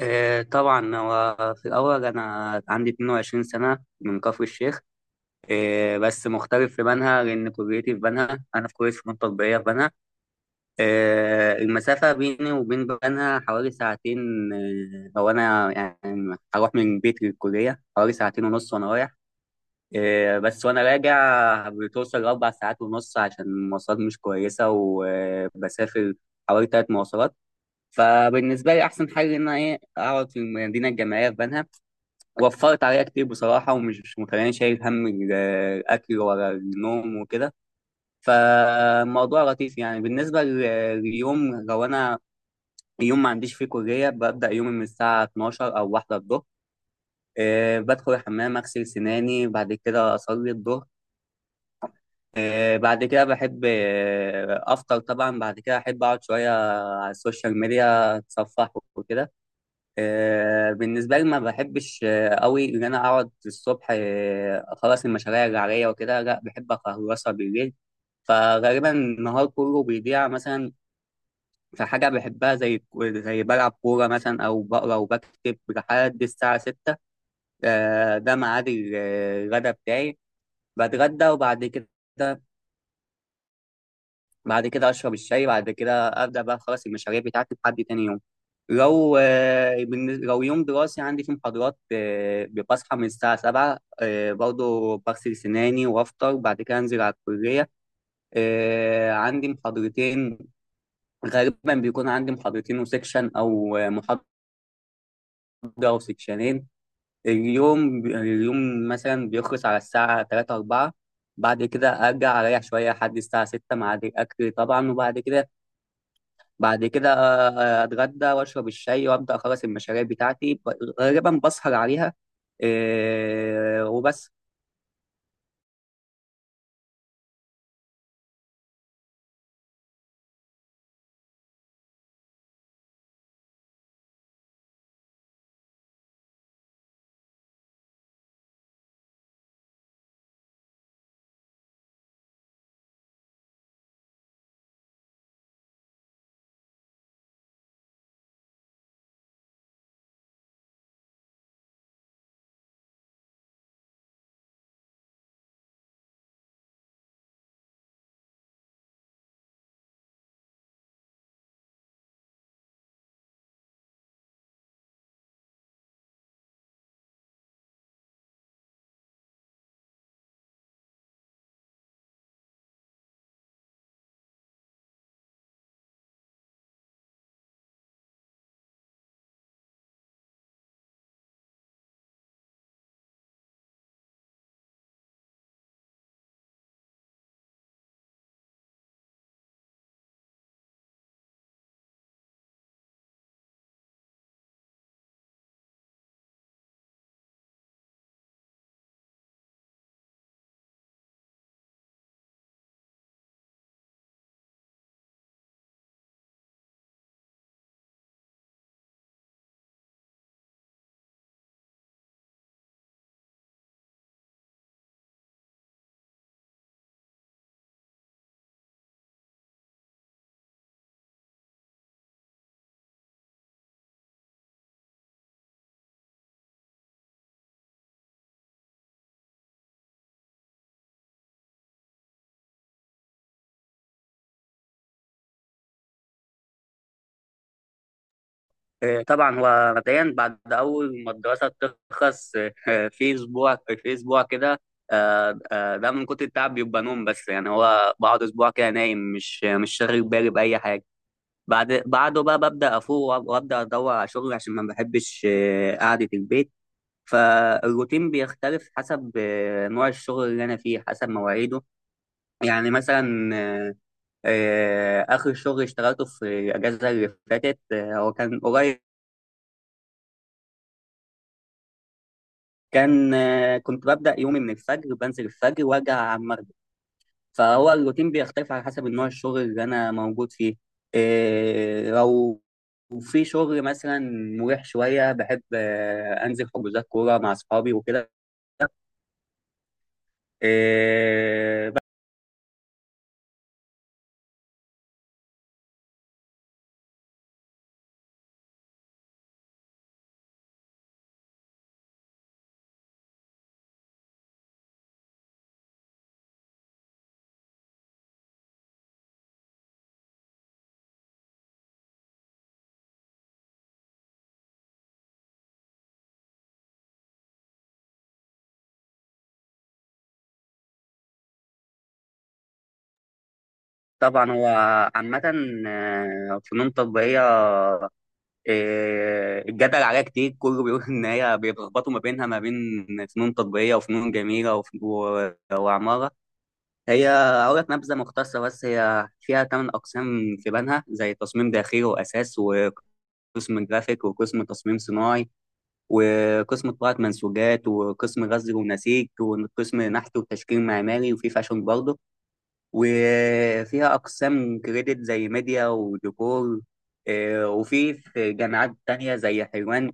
إيه طبعا هو في الأول أنا عندي 22 سنة من كفر الشيخ. إيه بس مختلف في بنها، لأن كليتي في بنها، أنا في كلية فنون تطبيقية في بنها. إيه المسافة بيني وبين بنها حوالي ساعتين. إيه هو أنا يعني هروح من بيتي للكلية حوالي ساعتين ونص وأنا رايح، إيه بس وأنا راجع بتوصل لأربع ساعات ونص عشان المواصلات مش كويسة، وبسافر حوالي تلات مواصلات. فبالنسبة لي أحسن حل إن أنا إيه أقعد في المدينة الجامعية في بنها، وفرت عليا كتير بصراحة ومش مخليني شايل هم الأكل ولا النوم وكده. فالموضوع لطيف يعني بالنسبة لليوم، لو أنا يوم ما عنديش فيه كلية ببدأ يومي من الساعة 12 أو واحدة الظهر. بدخل الحمام أغسل سناني، بعد كده أصلي الظهر. بعد كده بحب أفطر، طبعا بعد كده أحب أقعد شوية على السوشيال ميديا أتصفح وكده. بالنسبة لي ما بحبش قوي إن أنا أقعد الصبح أخلص المشاريع اللي عليا وكده، لا بحب أخلصها بالليل. فغالبا النهار كله بيضيع، مثلا في حاجة بحبها، زي زي بلعب كورة مثلا، أو بقرا وبكتب لحد الساعة 6. ده ميعاد الغدا بتاعي، بتغدى وبعد كده بعد كده اشرب الشاي، بعد كده ابدا بقى خلاص المشاريع بتاعتي لحد تاني يوم. لو يوم دراسي عندي فيه محاضرات، بصحى من الساعة 7، برضه بغسل سناني وأفطر، بعد كده أنزل على الكلية. عندي محاضرتين، غالبا بيكون عندي محاضرتين وسكشن أو محاضرة وسكشنين. اليوم مثلا بيخلص على الساعة تلاتة أربعة، بعد كده أرجع أريح شوية لحد الساعة 6 مع الأكل طبعا، وبعد كده بعد كده آه، اتغدى واشرب الشاي وابدا اخلص المشاريع بتاعتي، غالبا بسهر عليها. إيه، وبس. إيه، طبعا هو مبدئيا بعد اول ما الدراسه تخلص، إيه، في اسبوع كده، ده من كتر التعب، بيبقى نوم بس، يعني هو بقعد اسبوع كده نايم، مش شاغل بالي باي حاجه. بعد بعده بقى ببدا افوق، وابدا ادور على شغل عشان ما بحبش قعده البيت. فالروتين بيختلف حسب نوع الشغل اللي انا فيه، حسب مواعيده. يعني مثلا اخر شغل اشتغلته في الاجازه اللي فاتت، هو كان قريب، كان آه، كنت ببدا يومي من الفجر، بنزل الفجر وارجع على المغرب. فهو الروتين بيختلف على حسب النوع الشغل اللي انا موجود فيه. لو في شغل مثلا مريح شويه، بحب انزل حجوزات كوره مع اصحابي وكده. آه، طبعا هو عامة، فنون تطبيقية، الجدل عليها كتير، كله بيقول إن هي بيتلخبطوا ما بينها، ما بين فنون تطبيقية وفنون جميلة وعمارة. هي أقول لك نبذة مختصرة، بس هي فيها تمن أقسام في بنها، زي تصميم داخلي وأساس وقسم جرافيك وقسم تصميم صناعي وقسم طباعة منسوجات وقسم غزل ونسيج وقسم نحت وتشكيل معماري، وفي فاشون برضه، وفيها أقسام كريدت زي ميديا وديكور. وفي جامعات تانية زي حلوان،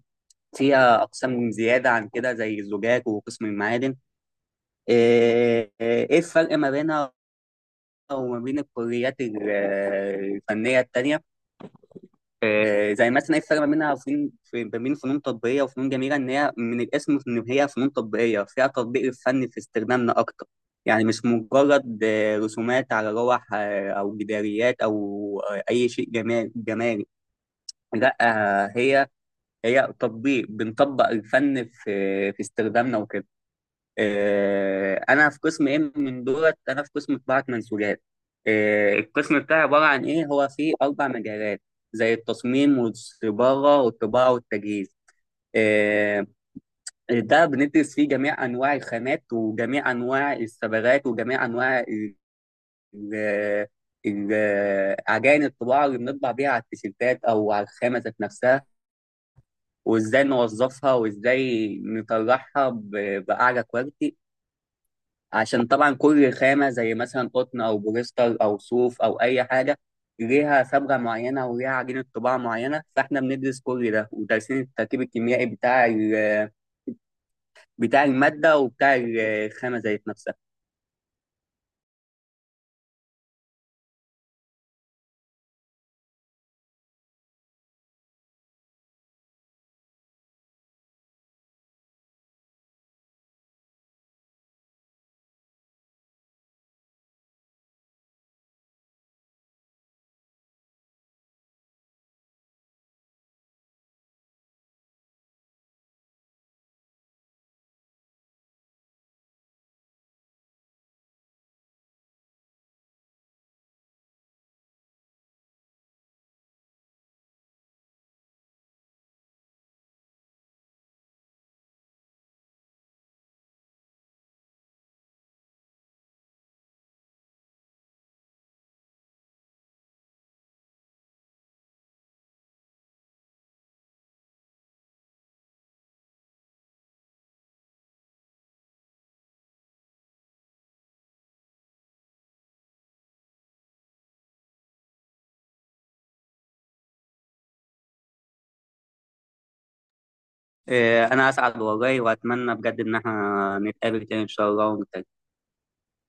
فيها أقسام زيادة عن كده زي الزجاج وقسم المعادن. إيه الفرق ما بينها وما بين الكليات الفنية التانية؟ زي مثلا ايه الفرق ما بينها وفين ما بين فنون تطبيقيه وفنون جميله، ان هي من الاسم ان هي فنون تطبيقيه فيها تطبيق الفن في استخدامنا اكتر، يعني مش مجرد رسومات على لوح او جداريات او اي شيء جمال جمالي. لا، آه، هي هي تطبيق، بنطبق الفن في استخدامنا وكده. انا في قسم ايه من دولت؟ انا في قسم طباعه منسوجات. القسم بتاعي عباره عن ايه؟ هو فيه اربع مجالات، زي التصميم والصباغه والطباعه والتجهيز. آه، ده بندرس فيه جميع انواع الخامات وجميع انواع الصبغات وجميع انواع ال- عجائن الطباعه اللي بنطبع بيها على التيشيرتات او على الخامه ذات نفسها، وازاي نوظفها وازاي نطلعها باعلى كواليتي. عشان طبعا كل خامة زي مثلا قطن أو بوليستر أو صوف أو أي حاجة، ليها صبغة معينة وليها عجينة طباعة معينة، فاحنا بندرس كل ده، ودارسين التركيب الكيميائي بتاع بتاع المادة وبتاع الخامة ذات نفسها. إيه، أنا أسعد والله، وأتمنى بجد إن احنا نتقابل تاني إن شاء الله ونتكلم.